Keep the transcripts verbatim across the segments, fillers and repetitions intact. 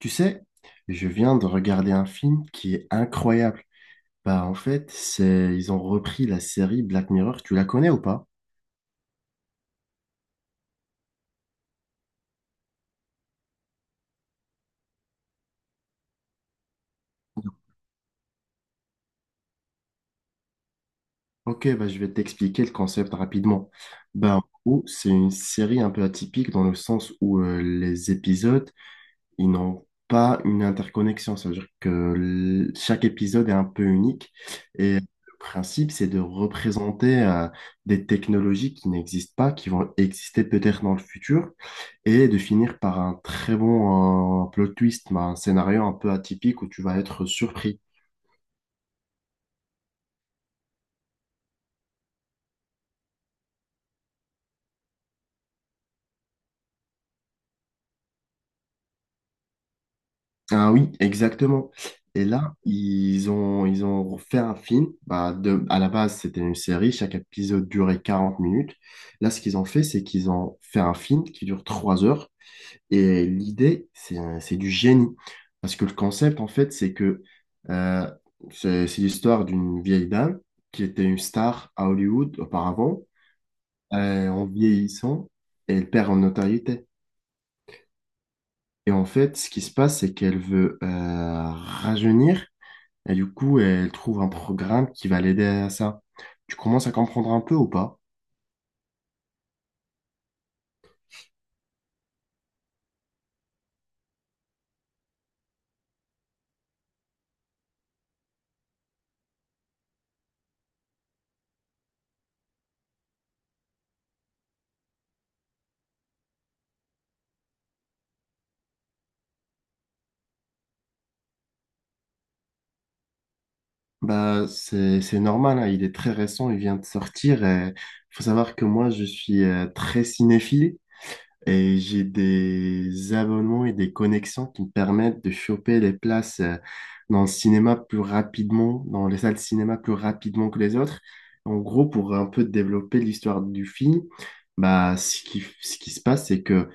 Tu sais, je viens de regarder un film qui est incroyable. Bah en fait, c'est ils ont repris la série Black Mirror. Tu la connais ou pas? Ok, bah je vais t'expliquer le concept rapidement. Bah en gros, c'est une série un peu atypique dans le sens où euh, les épisodes ils n'ont pas une interconnexion. Ça veut dire que l- chaque épisode est un peu unique. Et le principe, c'est de représenter euh, des technologies qui n'existent pas, qui vont exister peut-être dans le futur, et de finir par un très bon euh, plot twist, mais un scénario un peu atypique où tu vas être surpris. Ah oui, exactement. Et là, ils ont, ils ont fait un film. Bah, de, à la base, c'était une série. Chaque épisode durait quarante minutes. Là, ce qu'ils ont fait, c'est qu'ils ont fait un film qui dure trois heures. Et l'idée, c'est, un- c'est du génie. Parce que le concept, en fait, c'est que euh, c'est c'est l'histoire d'une vieille dame qui était une star à Hollywood auparavant. Euh, en vieillissant, elle perd en notoriété. Et en fait, ce qui se passe, c'est qu'elle veut euh, rajeunir. Et du coup, elle trouve un programme qui va l'aider à ça. Tu commences à comprendre un peu ou pas? Bah, c'est, c'est normal, hein, il est très récent, il vient de sortir. Il faut savoir que moi, je suis euh, très cinéphile. Et j'ai des abonnements et des connexions qui me permettent de choper les places euh, dans le cinéma plus rapidement, dans les salles de cinéma plus rapidement que les autres. En gros, pour un peu développer l'histoire du film, bah, ce qui, ce qui se passe, c'est que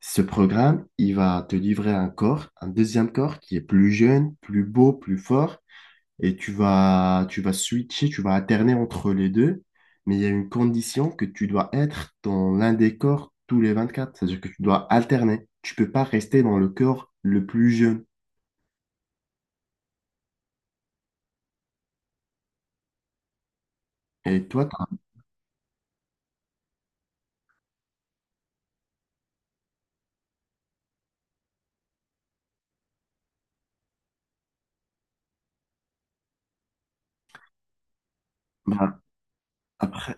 ce programme, il va te livrer un corps, un deuxième corps qui est plus jeune, plus beau, plus fort, et tu vas, tu vas switcher, tu vas alterner entre les deux, mais il y a une condition que tu dois être dans l'un des corps tous les vingt quatre, c'est-à-dire que tu dois alterner. Tu peux pas rester dans le corps le plus jeune. Et toi, t'as- Bah, après,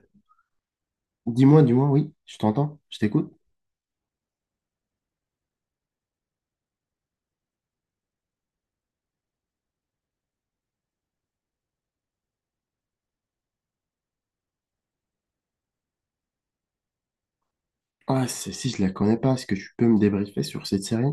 dis-moi, dis-moi, oui, je t'entends, je t'écoute. Ah, celle-ci, je la connais pas, est-ce que tu peux me débriefer sur cette série?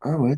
Ah ouais.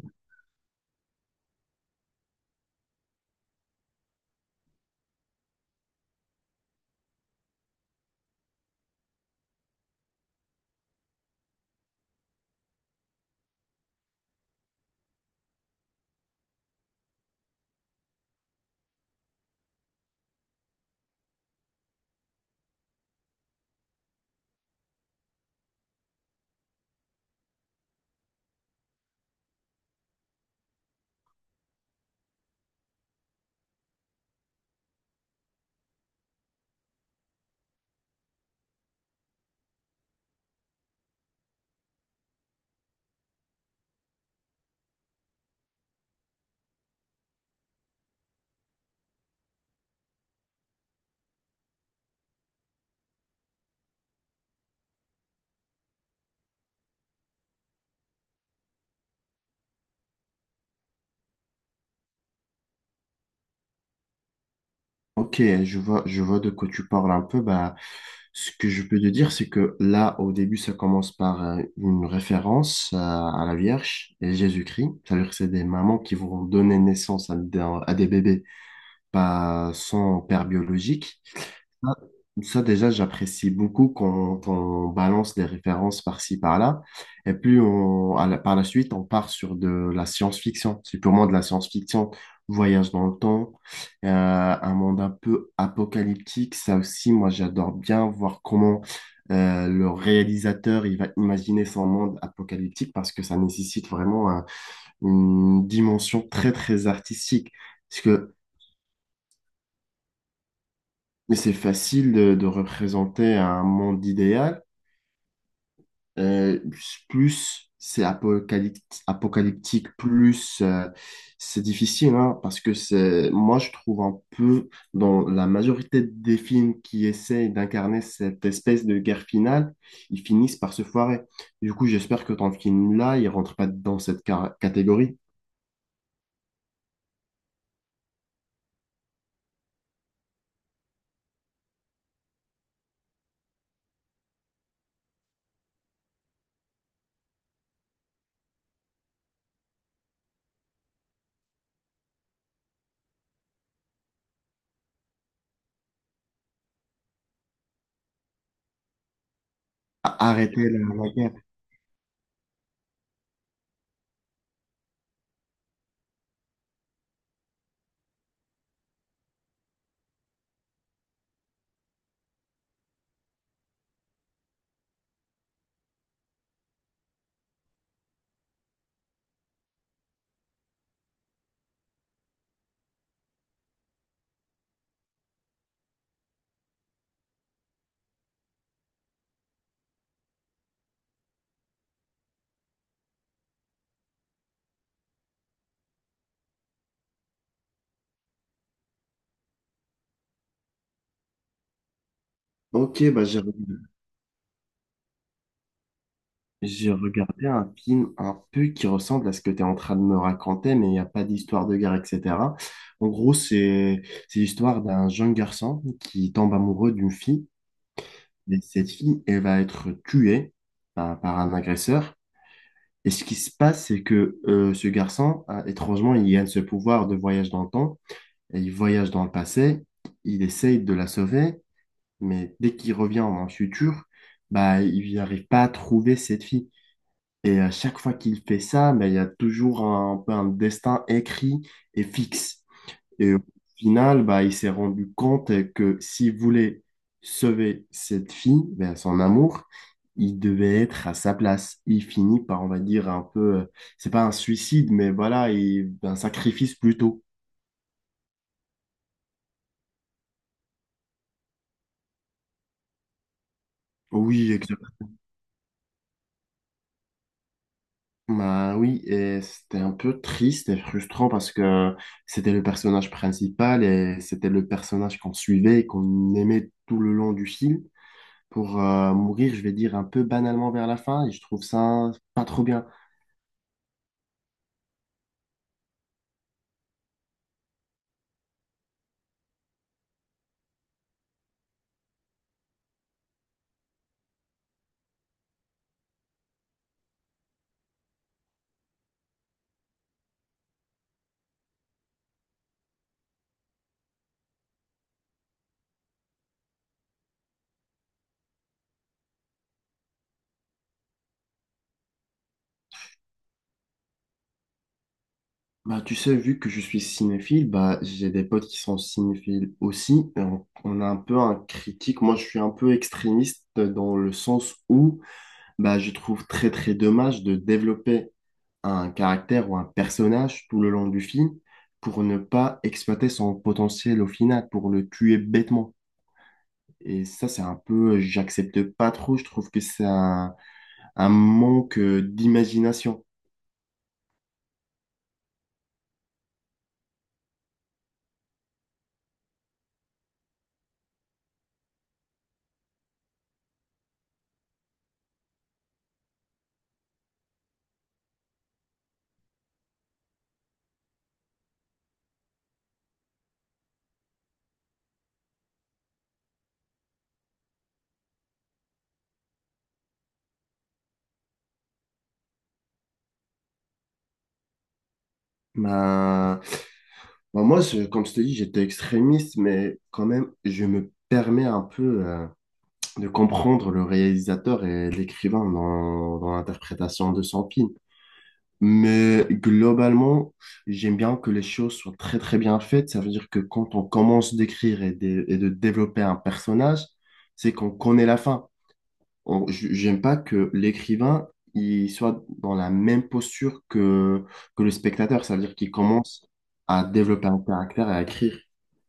Ok, je vois, je vois de quoi tu parles un peu. Bah, ce que je peux te dire, c'est que là, au début, ça commence par euh, une référence euh, à la Vierge et Jésus-Christ. C'est-à-dire que c'est des mamans qui vont donner naissance à, des à des bébés, pas sans père biologique. Ça, ça, déjà, j'apprécie beaucoup quand on balance des références par-ci, par-là. Et puis, on, à la- par la suite, on part sur de la science-fiction. C'est purement de la science-fiction. Voyage dans le temps, euh, un monde un peu apocalyptique. Ça aussi, moi, j'adore bien voir comment euh, le réalisateur il va imaginer son monde apocalyptique parce que ça nécessite vraiment un- une dimension très, très artistique. Parce que mais c'est facile de, de représenter un monde idéal. Euh, plus c'est apocalypt- apocalyptique, plus euh, c'est difficile, hein, parce que c'est, moi je trouve un peu dans la majorité des films qui essayent d'incarner cette espèce de guerre finale, ils finissent par se foirer. Du coup, j'espère que ton film-là, il rentre pas dans cette ca- catégorie. A- Arrêtez la, la guerre. Ok, bah j'ai J'ai regardé un film un peu qui ressemble à ce que tu es en train de me raconter, mais il n'y a pas d'histoire de guerre, et cetera. En gros, c'est c'est l'histoire d'un jeune garçon qui tombe amoureux d'une fille, et cette fille, elle va être tuée par, par un agresseur. Et ce qui se passe, c'est que euh, ce garçon, euh, étrangement, il gagne ce pouvoir de voyage dans le temps, et il voyage dans le passé, il essaye de la sauver, mais dès qu'il revient dans le futur, bah, il n'arrive pas à trouver cette fille. Et à chaque fois qu'il fait ça, ben, il y a toujours un, un peu un destin écrit et fixe. Et au final, bah, il s'est rendu compte que s'il voulait sauver cette fille, ben, son amour, il devait être à sa place. Il finit par, on va dire, un peu, euh, c'est pas un suicide, mais voilà, il, un sacrifice plutôt. Oui, bah oui, et c'était un peu triste et frustrant parce que c'était le personnage principal et c'était le personnage qu'on suivait et qu'on aimait tout le long du film pour euh, mourir, je vais dire, un peu banalement vers la fin et je trouve ça pas trop bien. Bah tu sais, vu que je suis cinéphile, bah j'ai des potes qui sont cinéphiles aussi. Et on, on a un peu un critique. Moi, je suis un peu extrémiste dans le sens où bah je trouve très très dommage de développer un caractère ou un personnage tout le long du film pour ne pas exploiter son potentiel au final, pour le tuer bêtement. Et ça, c'est un peu, j'accepte pas trop, je trouve que c'est un, un manque euh, d'imagination. Ben, ben moi, je- comme je te dis, j'étais extrémiste, mais quand même, je me permets un peu euh, de comprendre le réalisateur et l'écrivain dans, dans l'interprétation de son film. Mais globalement, j'aime bien que les choses soient très très bien faites. Ça veut dire que quand on commence d'écrire et de, et de développer un personnage, c'est qu'on connaît la fin. On- j- J'aime pas que l'écrivain il soit dans la même posture que, que le spectateur. Ça veut dire qu'il commence à développer un caractère et à écrire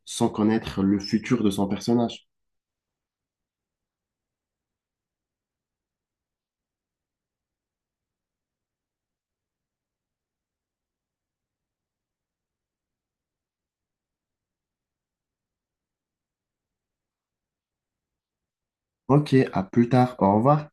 sans connaître le futur de son personnage. Ok, à plus tard. Au revoir.